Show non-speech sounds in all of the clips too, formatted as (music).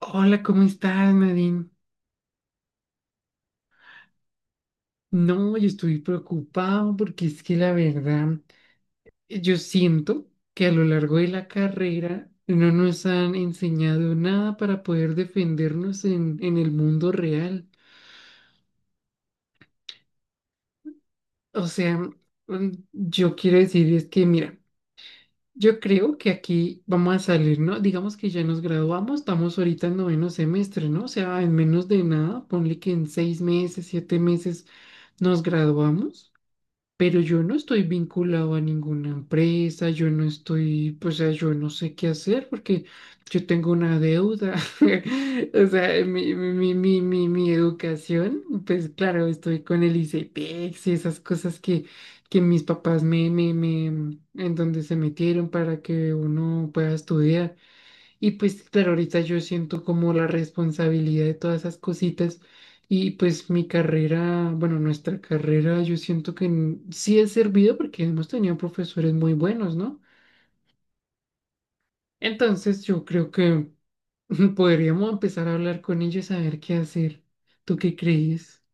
Hola, ¿cómo estás, Nadine? No, yo estoy preocupado porque es que la verdad, yo siento que a lo largo de la carrera no nos han enseñado nada para poder defendernos en el mundo real. O sea, yo quiero decir es que, mira, yo creo que aquí vamos a salir, ¿no? Digamos que ya nos graduamos, estamos ahorita en noveno semestre, ¿no? O sea, en menos de nada, ponle que en 6 meses, 7 meses nos graduamos. Pero yo no estoy vinculado a ninguna empresa, yo no estoy, pues, o sea, yo no sé qué hacer porque yo tengo una deuda. (laughs) O sea, mi educación, pues claro, estoy con el ICETEX y esas cosas que mis papás en donde se metieron para que uno pueda estudiar. Y pues claro, ahorita yo siento como la responsabilidad de todas esas cositas y pues mi carrera, bueno, nuestra carrera, yo siento que sí ha servido porque hemos tenido profesores muy buenos, ¿no? Entonces yo creo que (laughs) podríamos empezar a hablar con ellos a ver qué hacer. ¿Tú qué crees?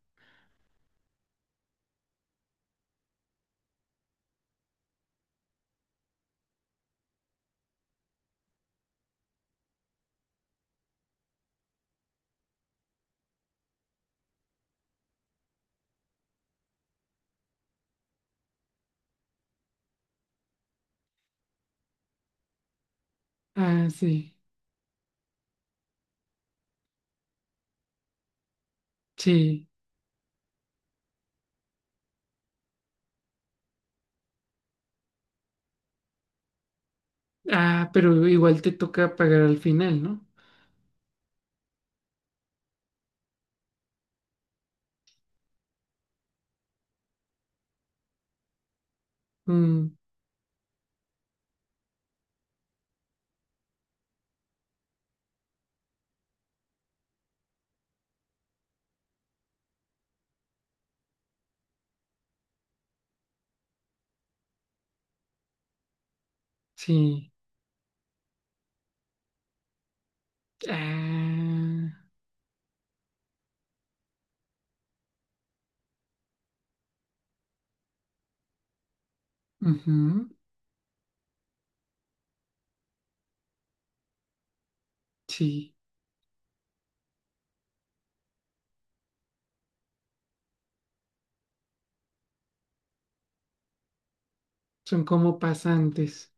Ah, sí, sí. Ah, pero igual te toca pagar al final, ¿no? Mm, sí. Ah, ujú, sí. Son como pasantes.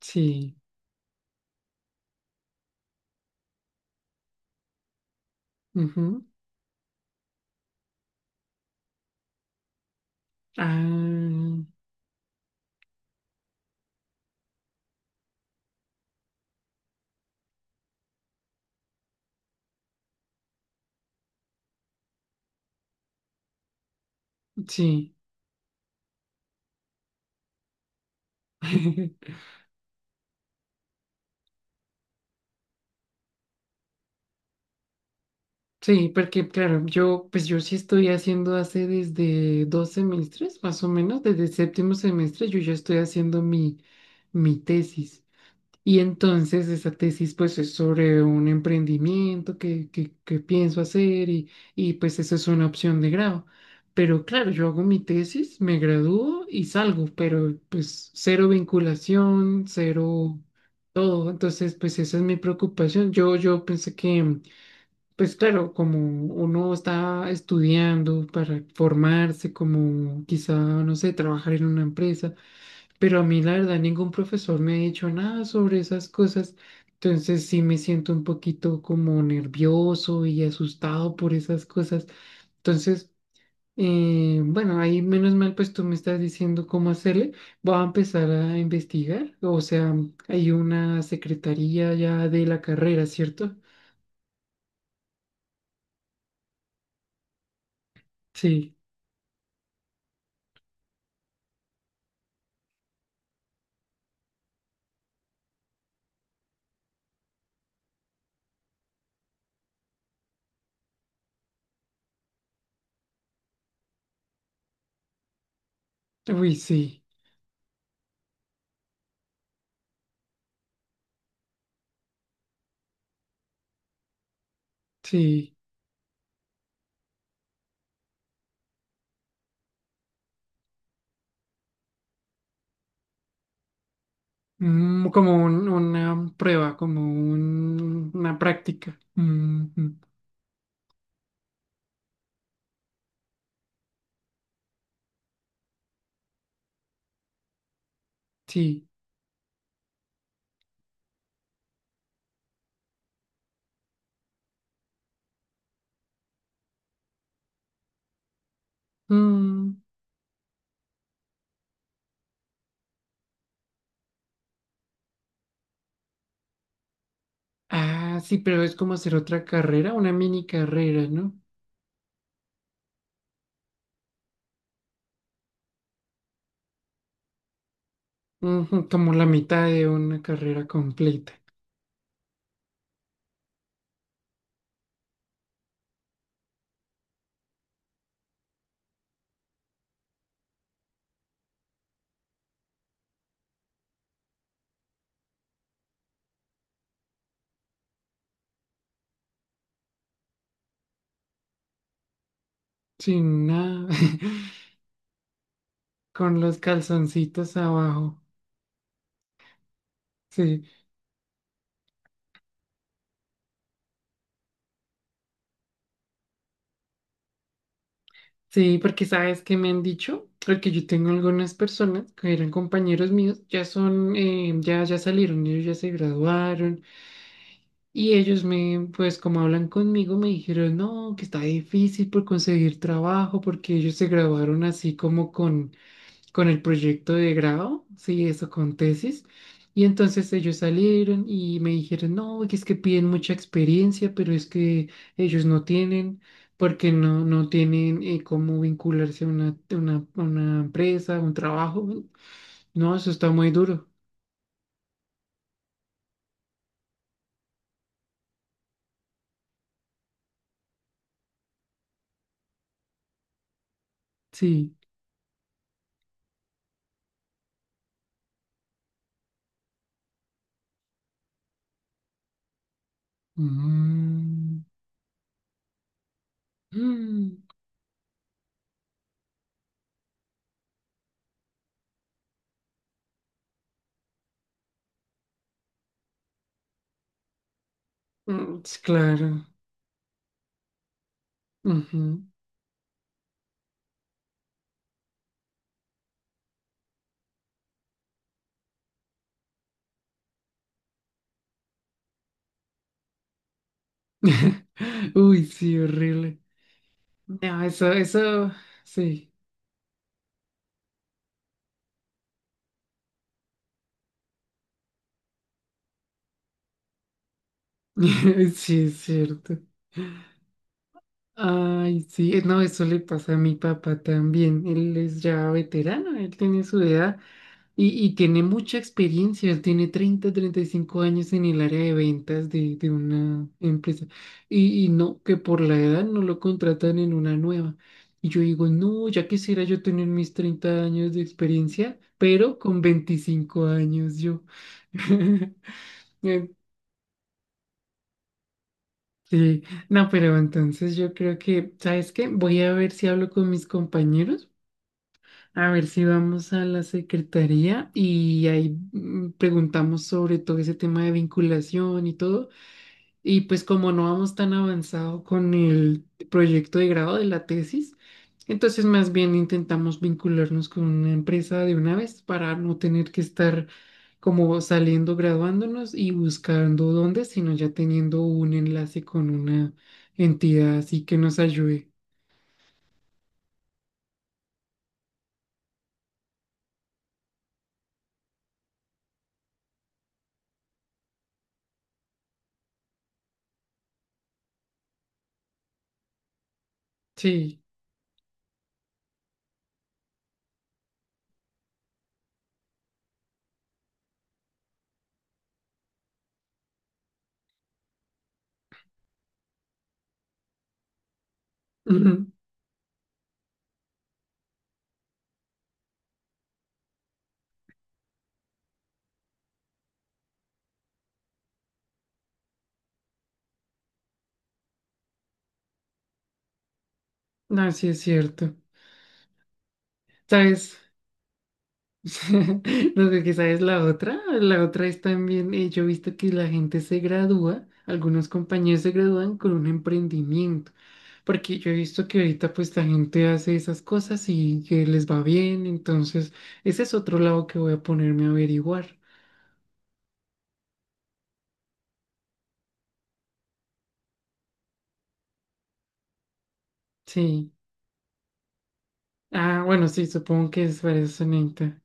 Sí. Ujú. Ah, sí. (laughs) Sí, porque claro, yo pues yo sí estoy haciendo hace desde 2 semestres, más o menos, desde el séptimo semestre, yo ya estoy haciendo mi tesis. Y entonces esa tesis pues es sobre un emprendimiento que pienso hacer y pues eso es una opción de grado. Pero claro, yo hago mi tesis, me gradúo y salgo, pero pues cero vinculación, cero todo. Entonces pues esa es mi preocupación. Yo pensé que pues claro, como uno está estudiando para formarse, como quizá, no sé, trabajar en una empresa. Pero a mí la verdad ningún profesor me ha dicho nada sobre esas cosas, entonces sí me siento un poquito como nervioso y asustado por esas cosas. Entonces, bueno, ahí menos mal pues tú me estás diciendo cómo hacerle, voy a empezar a investigar, o sea, hay una secretaría ya de la carrera, ¿cierto? Sí, uy, sí, sí. Como una prueba, como una práctica. Mm, mm, sí. Mm. Ah, sí, pero es como hacer otra carrera, una mini carrera, ¿no? Ujú, como la mitad de una carrera completa, sin nada, (laughs) con los calzoncitos abajo. Sí, sí, porque sabes que me han dicho, porque yo tengo algunas personas que eran compañeros míos, ya son, ya salieron, ellos ya se graduaron y ellos me, pues como hablan conmigo, me dijeron, no, que está difícil por conseguir trabajo, porque ellos se graduaron así como con el proyecto de grado, sí, eso con tesis. Y entonces ellos salieron y me dijeron, no, que es que piden mucha experiencia, pero es que ellos no tienen, porque no tienen cómo vincularse a una empresa, a un trabajo. No, eso está muy duro. Sí. Mm, mm, mm, sí, claro. Ujú. (laughs) Uy, sí, horrible. No, eso, sí. (laughs) Sí, es cierto. Ay, sí, no, eso le pasa a mi papá también. Él es ya veterano, él tiene su edad y tiene mucha experiencia. Él tiene treinta y cinco años en el área de ventas de una empresa. Y no, que por la edad no lo contratan en una nueva. Y yo digo, no, ya quisiera yo tener mis 30 años de experiencia, pero con 25 años yo. (laughs) Sí, no, pero entonces yo creo que, ¿sabes qué? Voy a ver si hablo con mis compañeros, a ver si vamos a la secretaría y ahí preguntamos sobre todo ese tema de vinculación y todo. Y pues como no vamos tan avanzado con el proyecto de grado de la tesis, entonces más bien intentamos vincularnos con una empresa de una vez para no tener que estar como saliendo, graduándonos y buscando dónde, sino ya teniendo un enlace con una entidad así que nos ayude. Sí, ujú, así es cierto. ¿Sabes? (laughs) No que quizá es la otra. La otra es también, yo he visto que la gente se gradúa, algunos compañeros se gradúan con un emprendimiento, porque yo he visto que ahorita pues la gente hace esas cosas y que les va bien, entonces ese es otro lado que voy a ponerme a averiguar. Sí. Ah, bueno, sí, supongo que es para eso, Anita.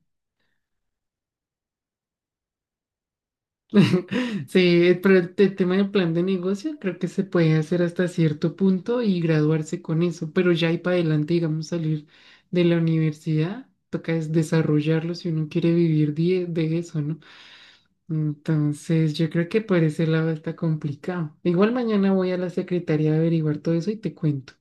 (laughs) Sí, pero el tema del plan de negocio creo que se puede hacer hasta cierto punto y graduarse con eso, pero ya y para adelante, digamos, salir de la universidad, toca es desarrollarlo si uno quiere vivir de eso, ¿no? Entonces, yo creo que por ese lado está complicado. Igual mañana voy a la secretaría a averiguar todo eso y te cuento.